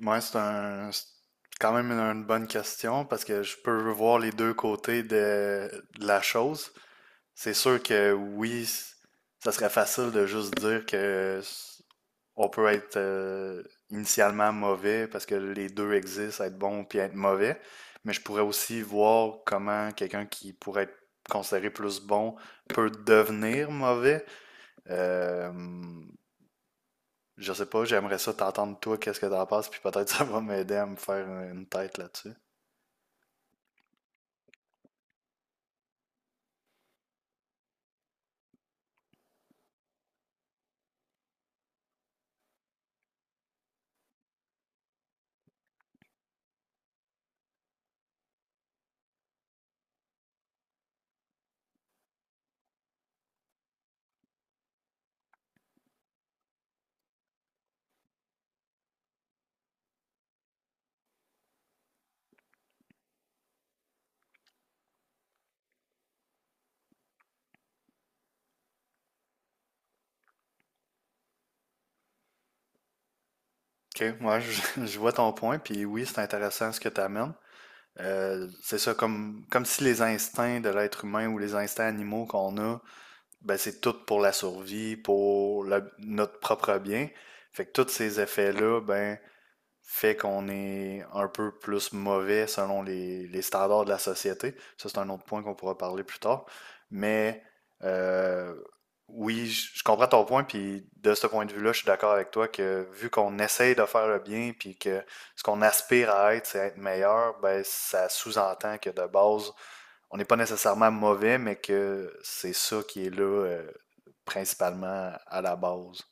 Ouais, c'est un, c'est quand même une bonne question parce que je peux voir les deux côtés de la chose. C'est sûr que oui, ça serait facile de juste dire que on peut être initialement mauvais parce que les deux existent, être bon puis être mauvais. Mais je pourrais aussi voir comment quelqu'un qui pourrait être considéré plus bon peut devenir mauvais. Euh, je sais pas, j'aimerais ça t'entendre toi, qu'est-ce que t'en penses, puis peut-être ça va m'aider à me faire une tête là-dessus. Ok, je vois ton point, puis oui, c'est intéressant ce que tu amènes. C'est ça, comme si les instincts de l'être humain ou les instincts animaux qu'on a, ben c'est tout pour la survie, pour notre propre bien. Fait que tous ces effets-là, ben fait qu'on est un peu plus mauvais selon les standards de la société. Ça, c'est un autre point qu'on pourra parler plus tard. Mais euh, oui, je comprends ton point, puis de ce point de vue-là, je suis d'accord avec toi que vu qu'on essaye de faire le bien, puis que ce qu'on aspire à être, c'est être meilleur, ben ça sous-entend que de base, on n'est pas nécessairement mauvais, mais que c'est ça qui est là principalement à la base.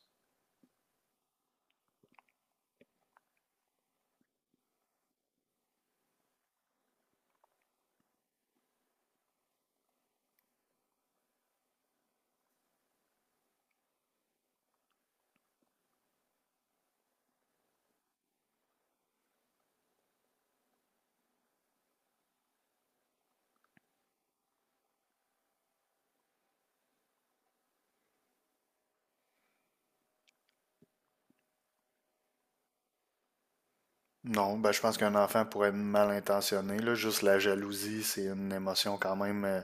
Non, ben, je pense qu'un enfant pourrait être mal intentionné, là. Juste la jalousie, c'est une émotion quand même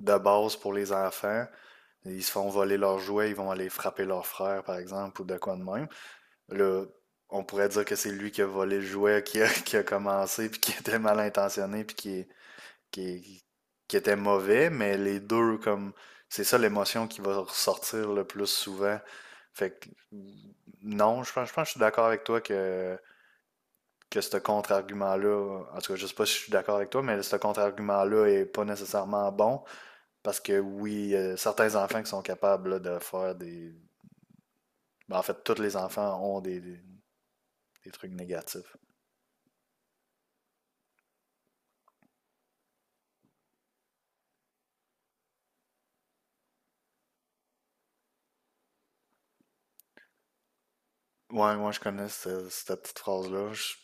de base pour les enfants. Ils se font voler leurs jouets, ils vont aller frapper leur frère, par exemple, ou de quoi de même. Là, on pourrait dire que c'est lui qui a volé le jouet, qui a commencé, puis qui était mal intentionné, puis qui, qui était mauvais, mais les deux, c'est ça l'émotion qui va ressortir le plus souvent. Fait que, non, je pense que je suis d'accord avec toi que ce contre-argument-là, en tout cas, je sais pas si je suis d'accord avec toi, mais ce contre-argument-là est pas nécessairement bon parce que oui, certains enfants qui sont capables là, de faire des. Ben, en fait, tous les enfants ont des trucs négatifs. Ouais, moi je connais cette petite phrase-là. Je-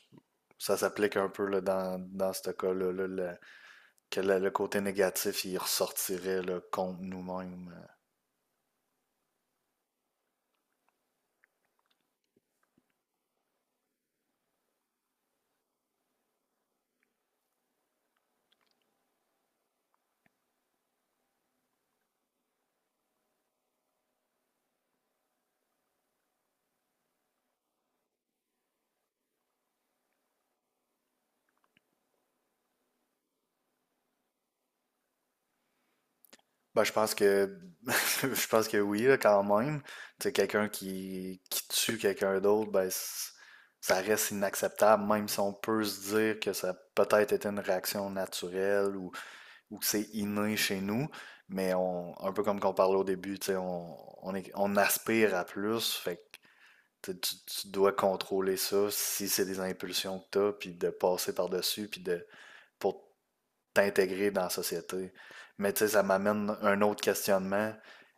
Ça s'applique un peu là, dans ce cas-là, là, le- que le côté négatif il ressortirait là, contre nous-mêmes. Ben, je pense que je pense que oui, là, quand même. Tu sais, quelqu'un qui tue quelqu'un d'autre, ben ça reste inacceptable, même si on peut se dire que ça a peut-être été une réaction naturelle ou que c'est inné chez nous. Mais on, un peu comme qu'on parlait au début, tu sais, on, est- on aspire à plus, fait que tu, sais, tu- tu dois contrôler ça si c'est des impulsions que tu as, puis de passer par-dessus, puis de pour t'intégrer dans la société. Mais tu sais, ça m'amène un autre questionnement.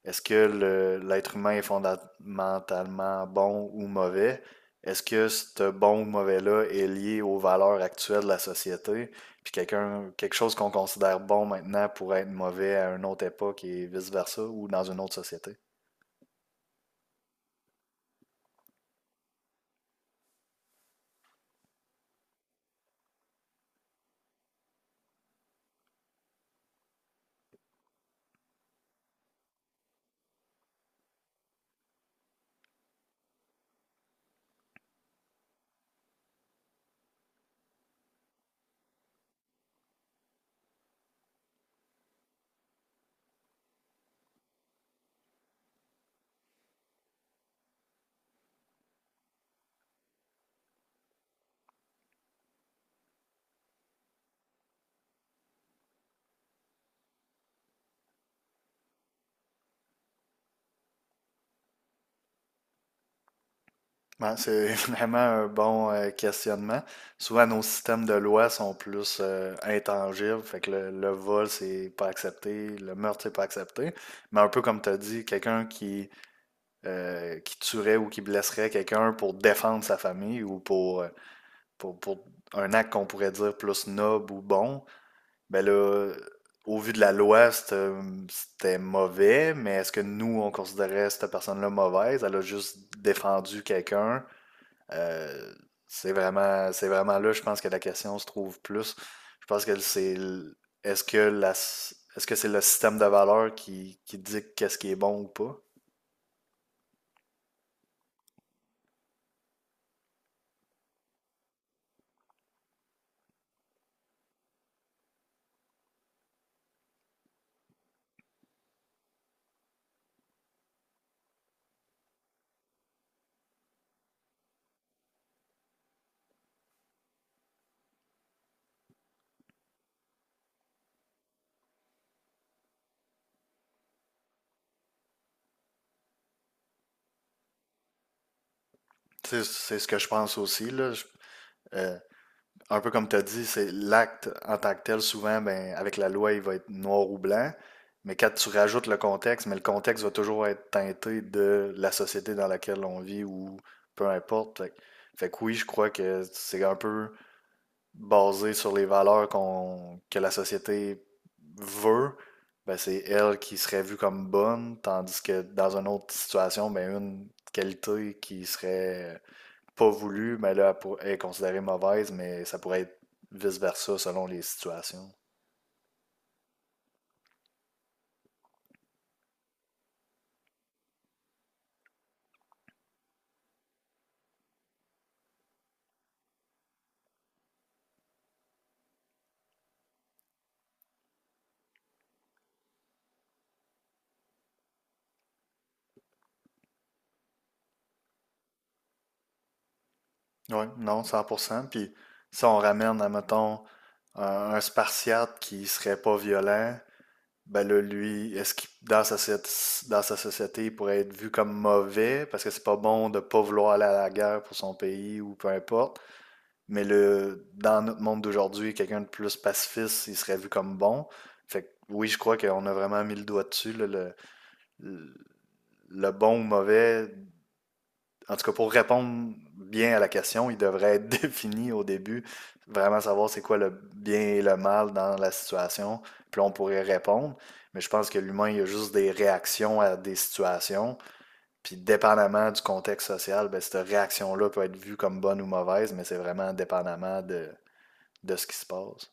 Est-ce que l'être humain est fondamentalement bon ou mauvais? Est-ce que ce bon ou mauvais-là est lié aux valeurs actuelles de la société? Puis quelqu'un, quelque chose qu'on considère bon maintenant pourrait être mauvais à une autre époque et vice-versa ou dans une autre société? Ouais, c'est vraiment un bon questionnement. Souvent, nos systèmes de loi sont plus intangibles, fait que le vol, c'est pas accepté, le meurtre, c'est pas accepté. Mais un peu comme tu as dit, quelqu'un qui tuerait ou qui blesserait quelqu'un pour défendre sa famille ou pour, pour un acte qu'on pourrait dire plus noble ou bon, ben là, au vu de la loi, c'était mauvais, mais est-ce que nous, on considérait cette personne-là mauvaise? Elle a juste défendu quelqu'un euh, c'est vraiment là, je pense que la question se trouve plus. Je pense que est-ce que est-ce que c'est le système de valeurs qui dicte qu'est-ce qui est bon ou pas? C'est ce que je pense aussi, là. Euh, un peu comme tu as dit, c'est l'acte en tant que tel, souvent, ben, avec la loi, il va être noir ou blanc. Mais quand tu rajoutes le contexte, mais le contexte va toujours être teinté de la société dans laquelle on vit ou peu importe. Fait que oui, je crois que c'est un peu basée sur les valeurs que la société veut, ben c'est elle qui serait vue comme bonne, tandis que dans une autre situation, ben une qualité qui serait pas voulue, ben là, est considérée mauvaise, mais ça pourrait être vice-versa selon les situations. Oui, non, 100%. Puis si on ramène, admettons, un spartiate qui serait pas violent, ben là, lui, est-ce qu'il, dans sa, soci- dans sa société, il pourrait être vu comme mauvais parce que c'est pas bon de pas vouloir aller à la guerre pour son pays ou peu importe. Mais le, dans notre monde d'aujourd'hui, quelqu'un de plus pacifiste, il serait vu comme bon. Fait que oui, je crois qu'on a vraiment mis le doigt dessus, là, le, le bon ou mauvais en tout cas, pour répondre bien à la question, il devrait être défini au début, vraiment savoir c'est quoi le bien et le mal dans la situation, puis là, on pourrait répondre. Mais je pense que l'humain, il a juste des réactions à des situations. Puis dépendamment du contexte social, ben, cette réaction-là peut être vue comme bonne ou mauvaise, mais c'est vraiment dépendamment de ce qui se passe.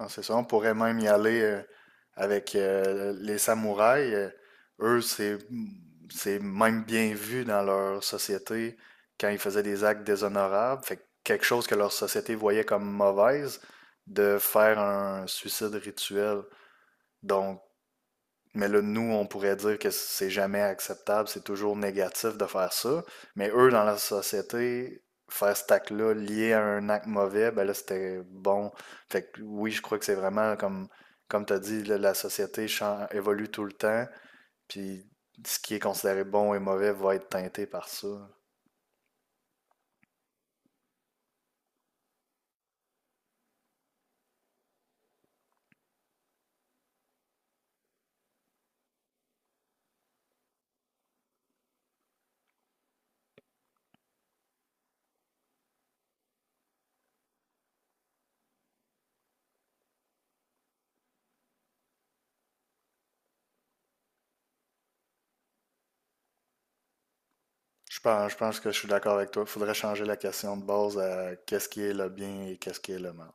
Non, c'est ça, on pourrait même y aller avec les samouraïs. Eux, c'est même bien vu dans leur société quand ils faisaient des actes déshonorables. Fait que quelque chose que leur société voyait comme mauvaise, de faire un suicide rituel. Donc, mais là, nous, on pourrait dire que c'est jamais acceptable, c'est toujours négatif de faire ça. Mais eux, dans la société, faire cet acte-là lié à un acte mauvais, ben là, c'était bon. Fait que oui, je crois que c'est vraiment comme, comme tu as dit, là, la société évolue tout le temps. Puis ce qui est considéré bon et mauvais va être teinté par ça. Je pense que je suis d'accord avec toi. Il faudrait changer la question de base à qu'est-ce qui est le bien et qu'est-ce qui est le mal.